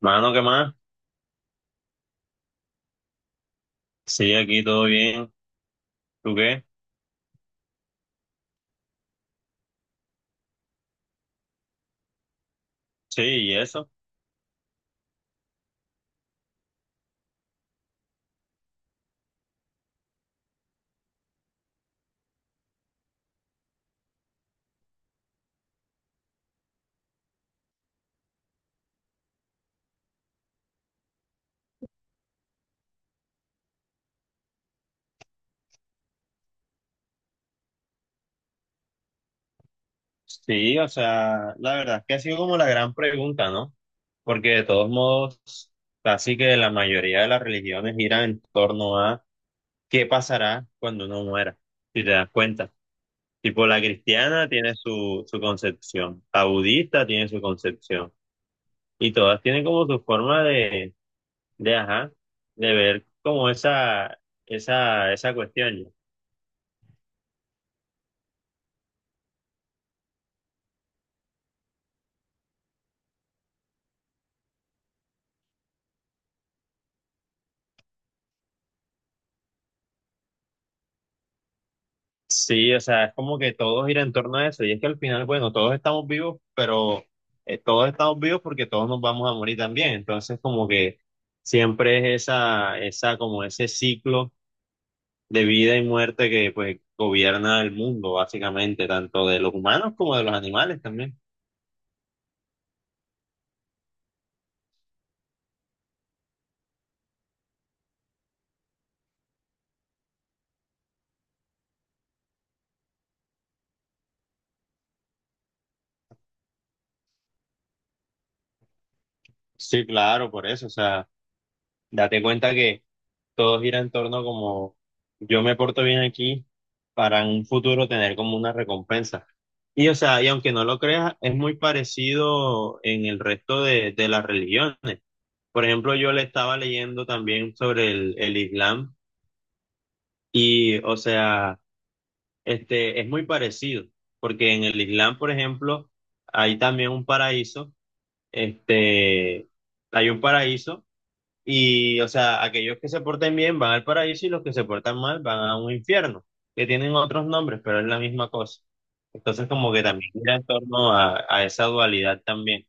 Mano, ¿qué más? Sí, aquí todo bien. ¿Tú qué? Sí, ¿y eso? Sí, o sea, la verdad es que ha sido como la gran pregunta, ¿no? Porque de todos modos, casi que la mayoría de las religiones giran en torno a qué pasará cuando uno muera, si te das cuenta. Tipo, la cristiana tiene su concepción, la budista tiene su concepción, y todas tienen como su forma de, ajá, de ver como esa cuestión, ¿no? Sí, o sea, es como que todo gira en torno a eso. Y es que al final, bueno, todos estamos vivos, pero todos estamos vivos porque todos nos vamos a morir también. Entonces, como que siempre es como ese ciclo de vida y muerte que pues gobierna el mundo, básicamente, tanto de los humanos como de los animales también. Sí, claro, por eso. O sea, date cuenta que todo gira en torno como yo me porto bien aquí para en un futuro tener como una recompensa. Y o sea, y aunque no lo creas, es muy parecido en el resto de las religiones. Por ejemplo, yo le estaba leyendo también sobre el Islam y o sea, este es muy parecido, porque en el Islam, por ejemplo, hay también un paraíso, este, hay un paraíso y, o sea, aquellos que se porten bien van al paraíso y los que se portan mal van a un infierno, que tienen otros nombres, pero es la misma cosa. Entonces, como que también gira en torno a esa dualidad también.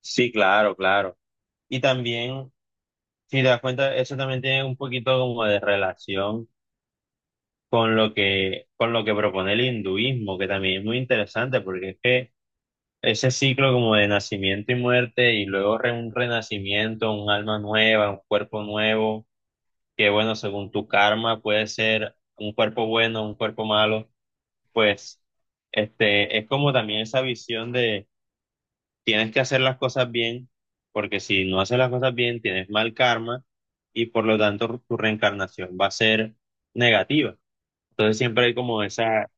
Sí, claro, claro. Y también, si te das cuenta, eso también tiene un poquito como de relación con lo que propone el hinduismo, que también es muy interesante, porque es que ese ciclo como de nacimiento y muerte, y luego un renacimiento, un alma nueva, un cuerpo nuevo que bueno, según tu karma puede ser un cuerpo bueno, un cuerpo malo, pues este es como también esa visión de tienes que hacer las cosas bien, porque si no haces las cosas bien tienes mal karma y por lo tanto tu reencarnación va a ser negativa. Entonces siempre hay como esa,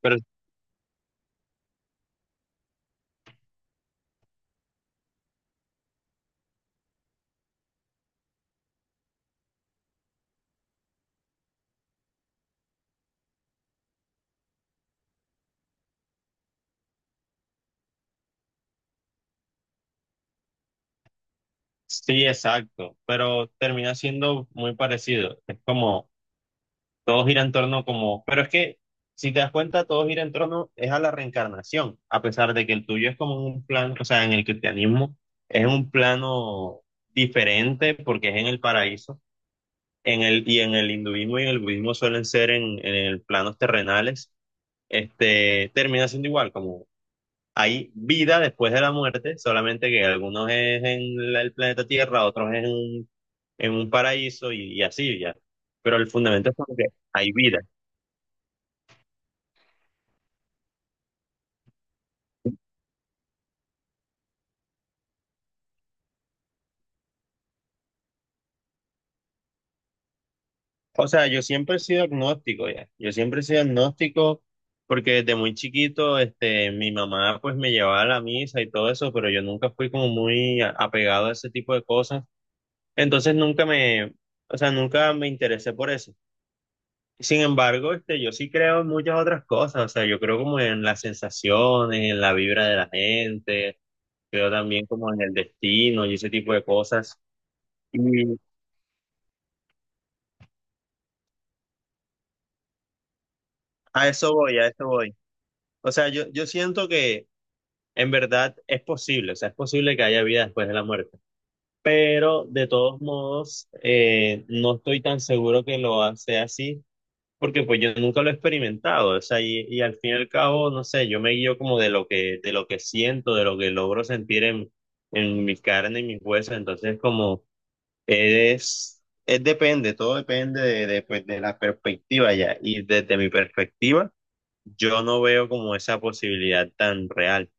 pero sí, exacto, pero termina siendo muy parecido. Es como todo gira en torno como, pero es que si te das cuenta, todo gira en torno es a la reencarnación, a pesar de que el tuyo es como un plan, o sea, en el cristianismo es un plano diferente porque es en el paraíso, en el y en el hinduismo y en el budismo suelen ser en el planos terrenales, este termina siendo igual, como hay vida después de la muerte, solamente que algunos es en el planeta Tierra, otros es en un paraíso y así ya, pero el fundamento es como que hay vida. O sea, yo siempre he sido agnóstico ya. Yo siempre he sido agnóstico porque desde muy chiquito, este, mi mamá pues me llevaba a la misa y todo eso, pero yo nunca fui como muy apegado a ese tipo de cosas. Entonces nunca me, o sea, nunca me interesé por eso. Sin embargo, este, yo sí creo en muchas otras cosas. O sea, yo creo como en las sensaciones, en la vibra de la gente, creo también como en el destino y ese tipo de cosas. Y a eso voy, a eso voy. O sea, yo siento que en verdad es posible, o sea, es posible que haya vida después de la muerte, pero de todos modos no estoy tan seguro que lo hace así, porque pues yo nunca lo he experimentado, o sea, y al fin y al cabo, no sé, yo me guío como de de lo que siento, de lo que logro sentir en mi carne y mis huesos, entonces como es depende, todo depende pues, de la perspectiva ya, y desde mi perspectiva, yo no veo como esa posibilidad tan real.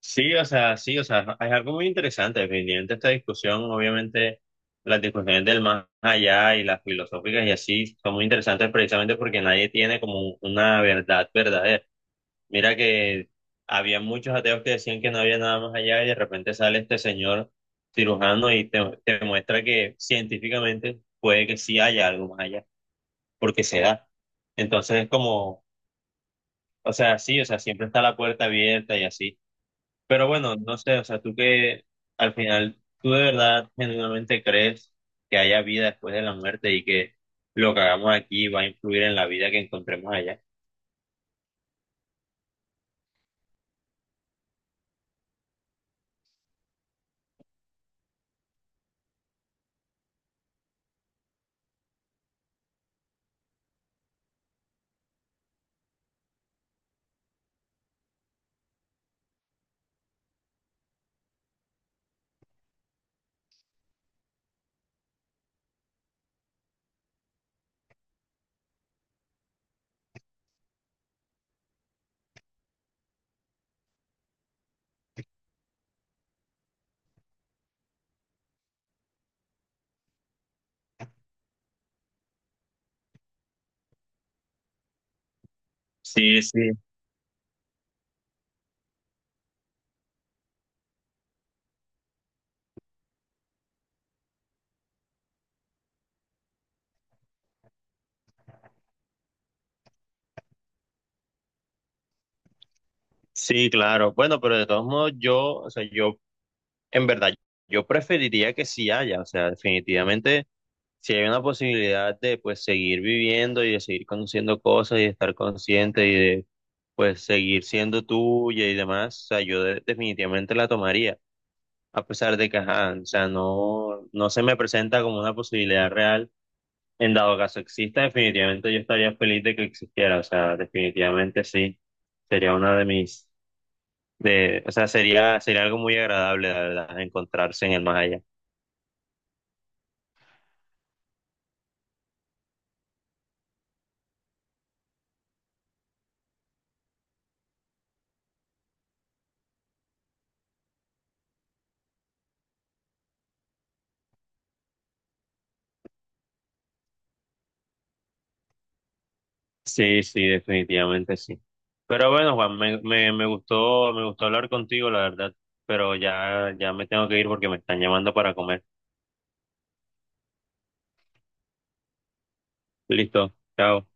Sí, o sea, es algo muy interesante, definitivamente esta discusión, obviamente las discusiones del más allá y las filosóficas y así son muy interesantes precisamente porque nadie tiene como una verdad verdadera. Mira que había muchos ateos que decían que no había nada más allá y de repente sale este señor cirujano y te muestra que científicamente puede que sí haya algo más allá, porque se da. Entonces es como, o sea, sí, o sea, siempre está la puerta abierta y así. Pero bueno, no sé, o sea, tú que al final, tú de verdad genuinamente crees que haya vida después de la muerte y que lo que hagamos aquí va a influir en la vida que encontremos allá. Sí, sí, sí, claro. Bueno, pero de todos modos, yo, o sea, yo, en verdad, yo preferiría que sí haya, o sea, definitivamente, si hay una posibilidad de, pues, seguir viviendo y de seguir conociendo cosas y de estar consciente y de, pues, seguir siendo tuya y demás, o sea, yo definitivamente la tomaría, a pesar de que, ajá, o sea, no, no se me presenta como una posibilidad real. En dado caso exista, definitivamente yo estaría feliz de que existiera, o sea, definitivamente sí. Sería una de mis, de, o sea, sería, sería algo muy agradable, la verdad, encontrarse en el más allá. Sí, sí, definitivamente sí. Pero bueno, Juan, me gustó hablar contigo, la verdad, pero ya me tengo que ir porque me están llamando para comer. Listo, chao.